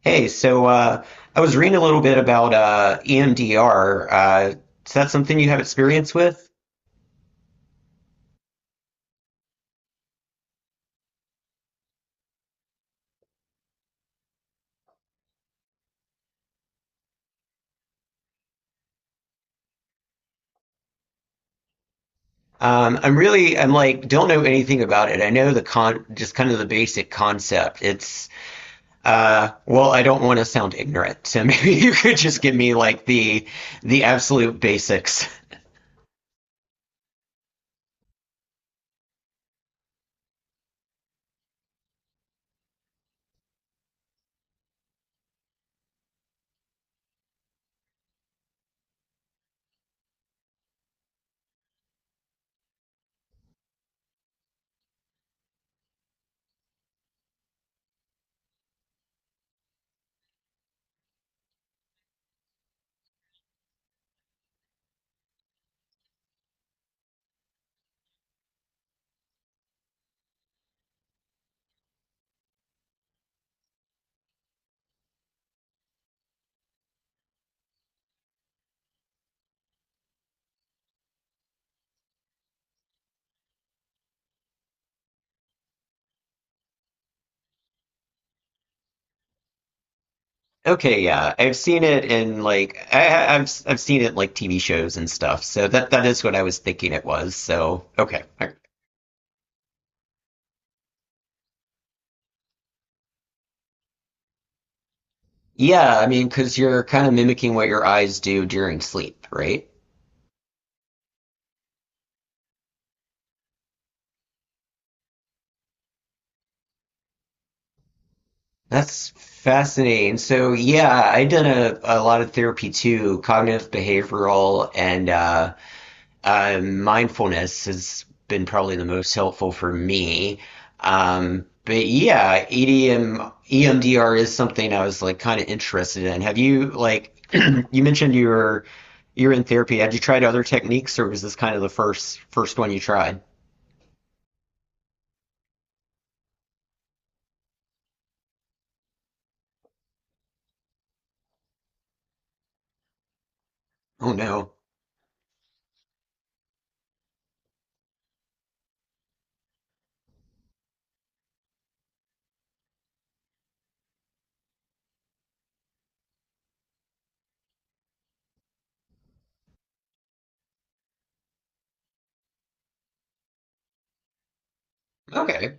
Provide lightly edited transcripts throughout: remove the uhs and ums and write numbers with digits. Hey, I was reading a little bit about EMDR. Is that something you have experience with? I'm really, don't know anything about it. I know the just kind of the basic concept. I don't want to sound ignorant, so maybe you could just give me like the absolute basics. Okay, yeah, I've seen it in like I've seen it like TV shows and stuff. So that is what I was thinking it was. So okay. Yeah, I mean, because you're kind of mimicking what your eyes do during sleep, right? That's fascinating. So, yeah, I've done a lot of therapy too, cognitive behavioral and mindfulness has been probably the most helpful for me. But yeah, EDMEMDR is something I was like kind of interested in. Have you like you mentioned you were you're in therapy. Had you tried other techniques, or was this kind of the first one you tried? Oh no. Okay,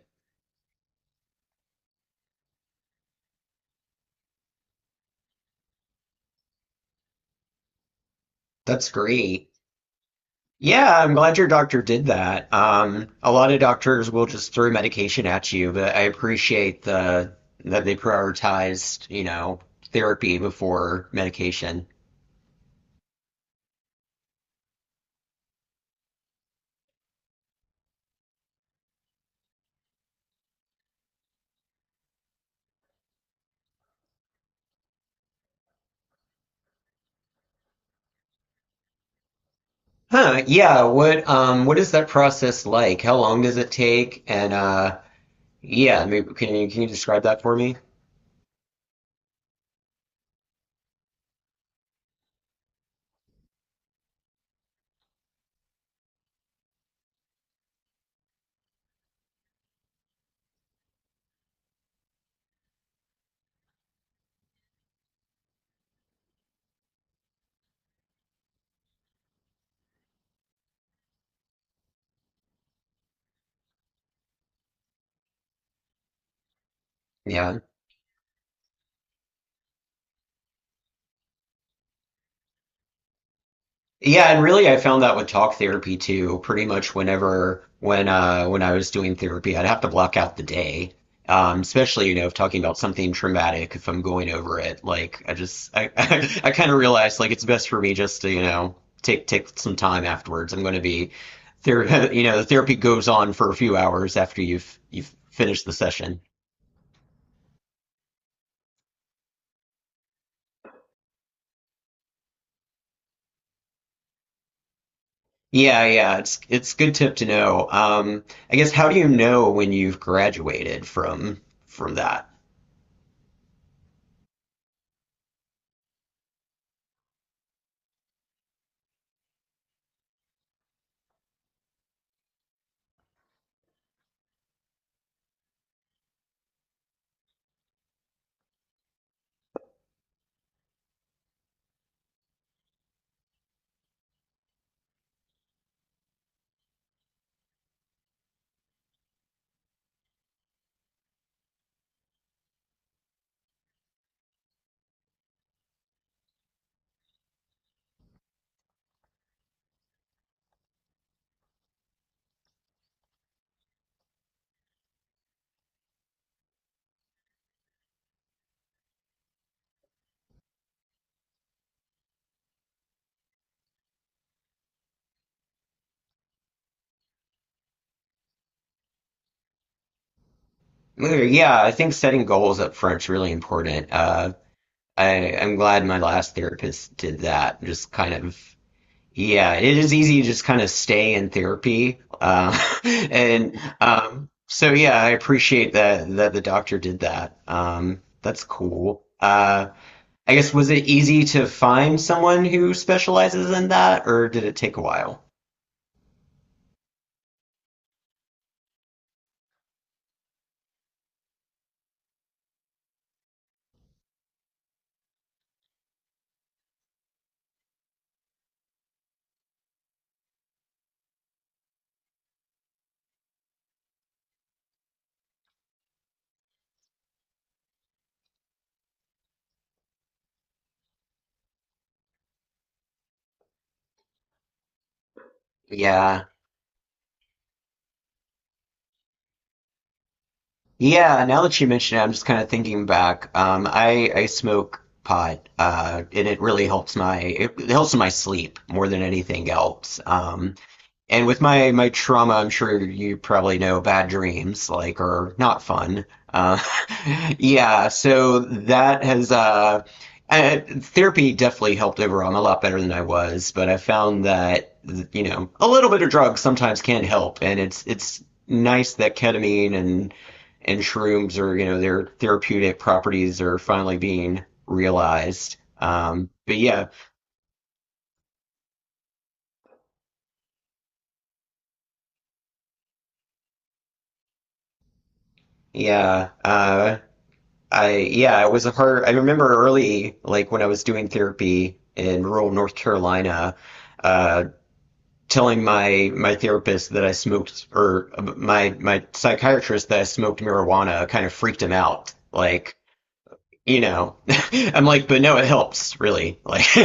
that's great. Yeah, I'm glad your doctor did that. A lot of doctors will just throw medication at you, but I appreciate the that they prioritized, you know, therapy before medication. Huh, yeah, what is that process like? How long does it take? And yeah, maybe can you describe that for me? Yeah. Yeah, and really I found that with talk therapy too. Pretty much when I was doing therapy, I'd have to block out the day. Especially, you know, if talking about something traumatic, if I'm going over it, like I just I kind of realized like it's best for me just to, you know, take some time afterwards. I'm going to be ther you know, the therapy goes on for a few hours after you've finished the session. Yeah, yeah, it's good tip to know. I guess how do you know when you've graduated from that? Yeah, I think setting goals up front's really important. I'm glad my last therapist did that. Just kind of, yeah, it is easy to just kind of stay in therapy. And so, yeah, I appreciate that the doctor did that. That's cool. I guess was it easy to find someone who specializes in that, or did it take a while? Yeah. Yeah, now that you mention it, I'm just kind of thinking back. I smoke pot, and it really helps my it helps my sleep more than anything else. And with my trauma, I'm sure you probably know bad dreams like are not fun. Uh, yeah, so that has therapy definitely helped overall. I'm a lot better than I was, but I found that you know a little bit of drugs sometimes can help, and it's nice that ketamine and shrooms are you know their therapeutic properties are finally being realized. But yeah, yeah. I yeah, it was a hard. I remember early, like when I was doing therapy in rural North Carolina, uh, telling my therapist that I smoked or my my psychiatrist that I smoked marijuana kind of freaked him out. Like, you know, I'm like, but no, it helps really. Like,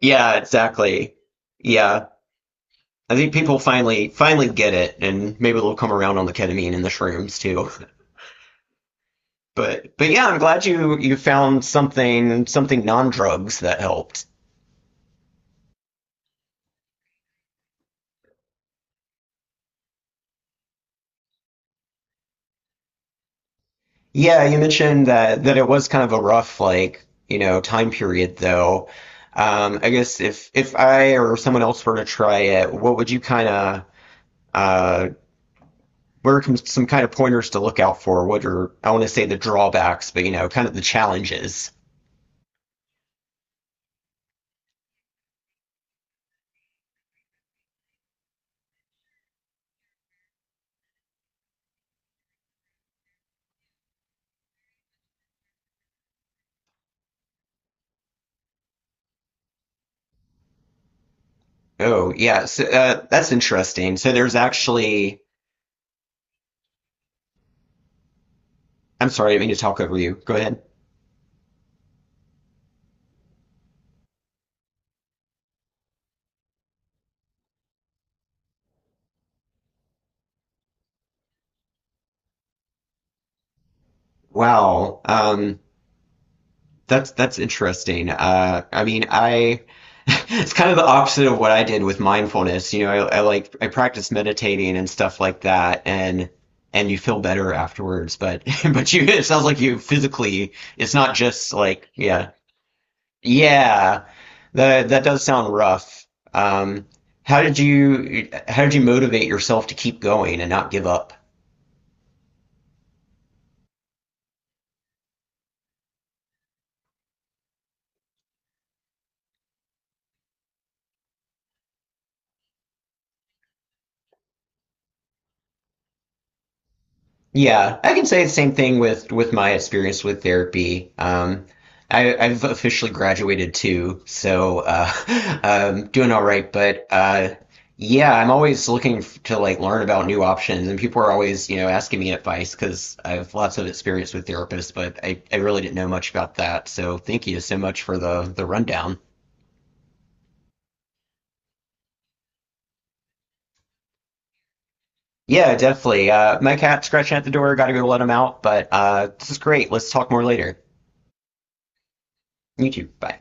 yeah, exactly. Yeah, I think people finally get it, and maybe they'll come around on the ketamine and the shrooms too. But yeah, I'm glad you found something non-drugs that helped. Yeah, you mentioned that it was kind of a rough like, you know, time period though. I guess if I or someone else were to try it, what would you kind of uh what are com- some kind of pointers to look out for? What are I want to say the drawbacks, but you know, kind of the challenges. Oh, yeah, so that's interesting. So there's actually I'm sorry, I didn't mean to talk over you. Go ahead. Wow. Um, that's interesting. I mean, I it's kind of the opposite of what I did with mindfulness. You know, I practice meditating and stuff like that, and you feel better afterwards. But but you it sounds like you physically it's not just like yeah yeah that does sound rough. Um, how did you motivate yourself to keep going and not give up? Yeah, I can say the same thing with my experience with therapy. I've officially graduated too, so doing all right. But yeah, I'm always looking f- to like learn about new options, and people are always you know asking me advice because I have lots of experience with therapists, but I really didn't know much about that. So thank you so much for the rundown. Yeah, definitely. My cat's scratching at the door. Got to go let him out. But this is great. Let's talk more later. You too. Bye.